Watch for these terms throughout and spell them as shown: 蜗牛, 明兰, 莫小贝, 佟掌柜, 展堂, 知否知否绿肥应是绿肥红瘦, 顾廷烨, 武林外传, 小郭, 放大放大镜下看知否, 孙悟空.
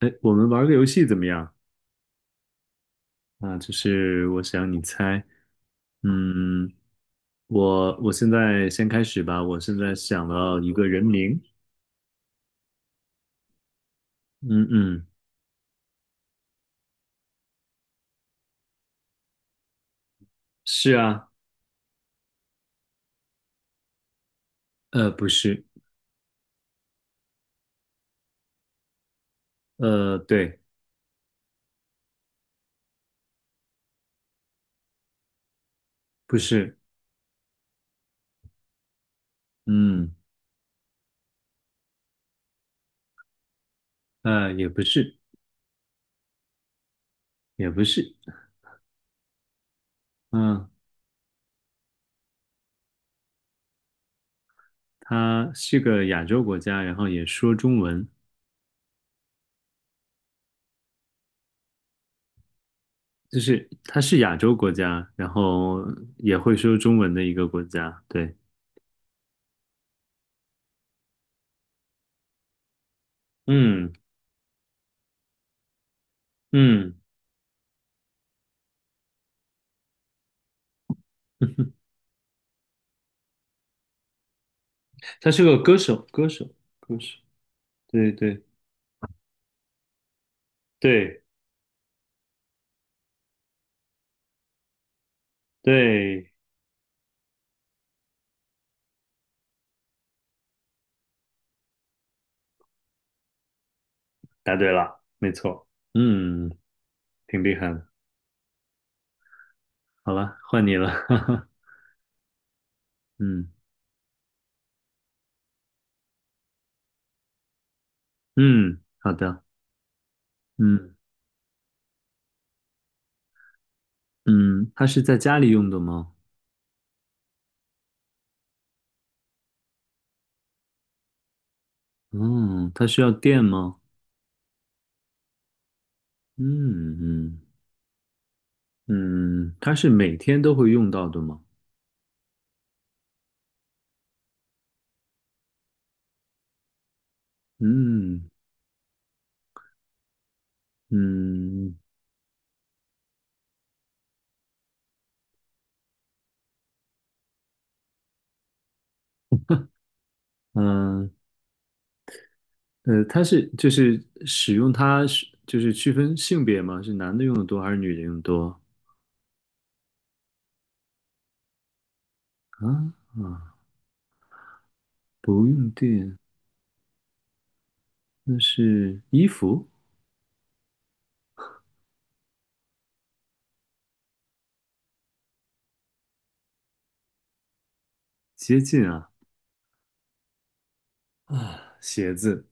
哎，我们玩个游戏怎么样？啊，就是我想你猜，嗯，我现在先开始吧。我现在想到一个人名，嗯嗯，是啊，不是，对，不是，嗯，也不是，也不是，嗯，他是个亚洲国家，然后也说中文，就是他是亚洲国家，然后也会说中文的一个国家，对，嗯嗯，他是个歌手，歌手，歌手。对对对对，答对了，没错。嗯，挺厉害的。好了，换你了。嗯嗯，好的。嗯嗯，它是在家里用的吗？嗯，它需要电吗？嗯嗯嗯，它是每天都会用到的吗？嗯嗯嗯它是就是使用它是就是区分性别吗？是男的用的多还是女的用的多？啊啊，不用电。那是衣服，接近啊啊，鞋子，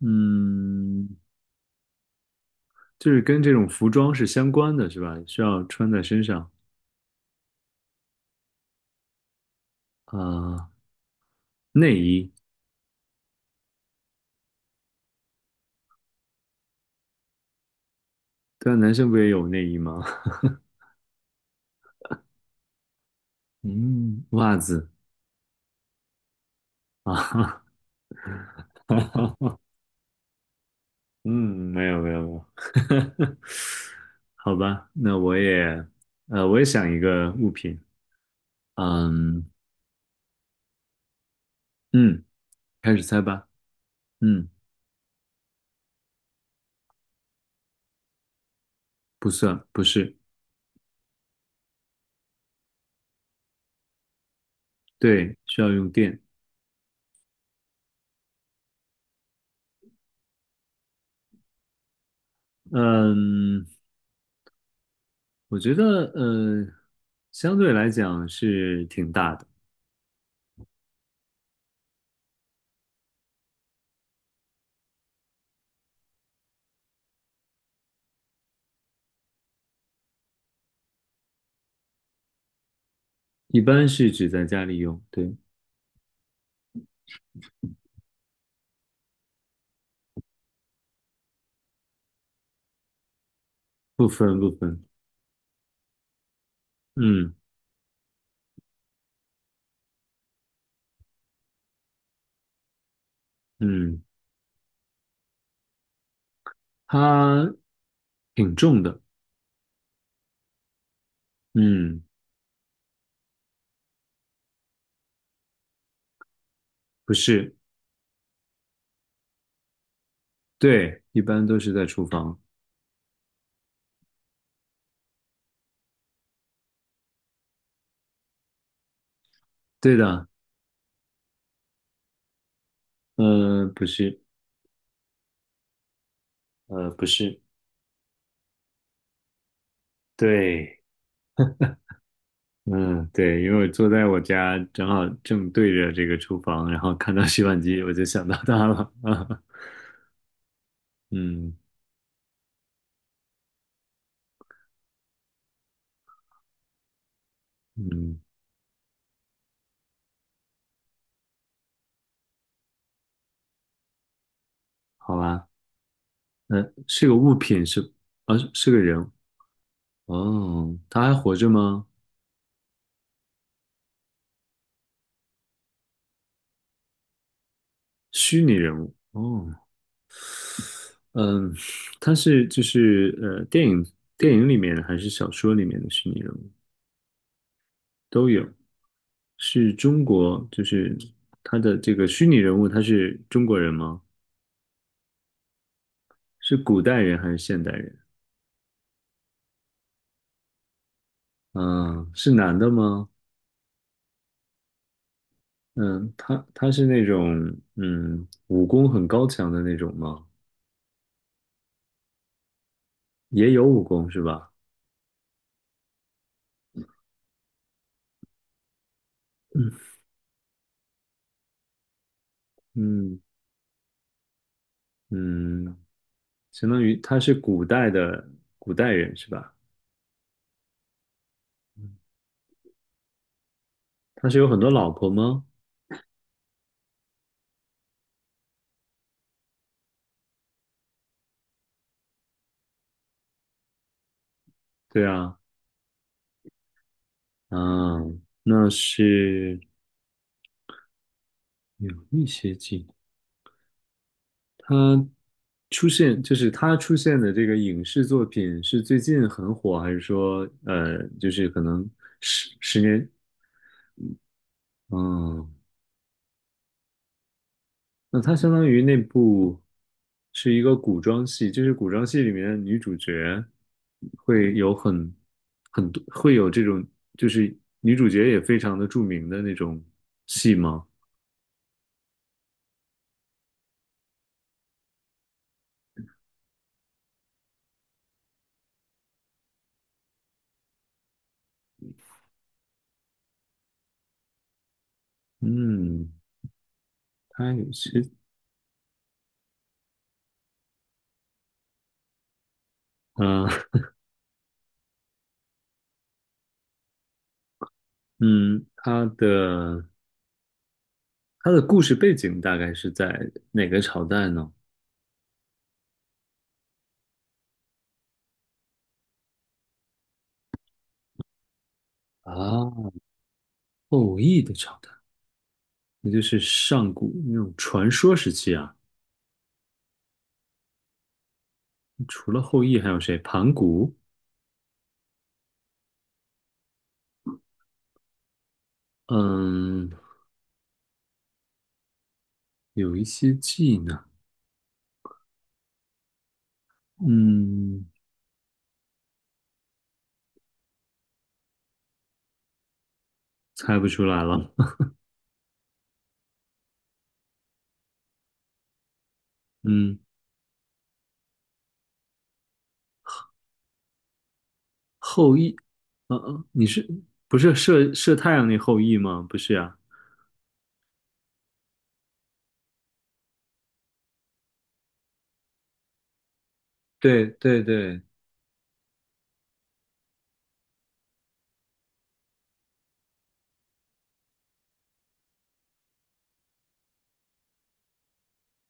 嗯，就是跟这种服装是相关的，是吧？需要穿在身上啊，内衣，对啊，男生不也有内衣吗？嗯，袜子啊，嗯，没有没有没有，好吧，那我也，呃，我也想一个物品，嗯嗯，开始猜吧，嗯，不算，不是，对，需要用电，嗯。我觉得，相对来讲是挺大的，一般是只在家里用，对，不分不分，嗯嗯，它挺重的，嗯，不是，对，一般都是在厨房，对的，不是，不是，对，嗯，对，因为我坐在我家，正好正对着这个厨房，然后看到洗碗机，我就想到它了，嗯嗯，好吧。嗯，是个物品是，啊，是个人。哦，他还活着吗？虚拟人物哦，嗯，他是就是电影里面还是小说里面的虚拟人物？都有，是中国就是他的这个虚拟人物，他是中国人吗？是古代人还是现代人？嗯，是男的吗？嗯，他是那种武功很高强的那种吗？也有武功是吧？嗯嗯嗯。相当于他是古代的古代人是吧？他是有很多老婆吗？对啊，嗯，那是有一些近。他出现就是他出现的这个影视作品是最近很火，还是说就是可能十年？嗯，那它相当于那部是一个古装戏，就是古装戏里面的女主角会有很多会有这种，就是女主角也非常的著名的那种戏吗？嗯，它有些啊，嗯，它的故事背景大概是在哪个朝代呢？啊，后羿的朝代，那就是上古那种传说时期啊。除了后羿还有谁？盘古，嗯。有一些技能，嗯，猜不出来了。嗯，后羿，你是不是射太阳那后羿吗？不是呀。对对对，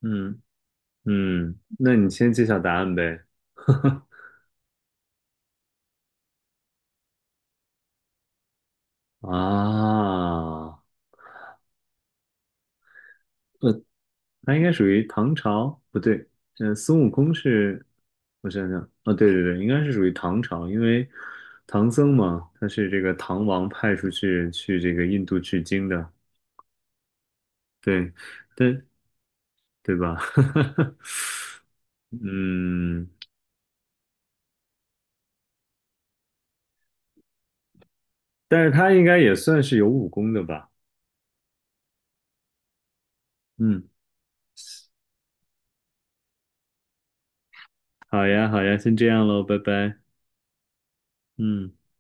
嗯嗯，那你先揭晓答案呗。啊，他应该属于唐朝，不对，嗯，孙悟空是，我想想，啊，对对对，应该是属于唐朝，因为唐僧嘛，他是这个唐王派出去去这个印度取经的，对，但对吧？嗯，但是他应该也算是有武功的吧？嗯，好呀，好呀，先这样喽，拜拜。嗯。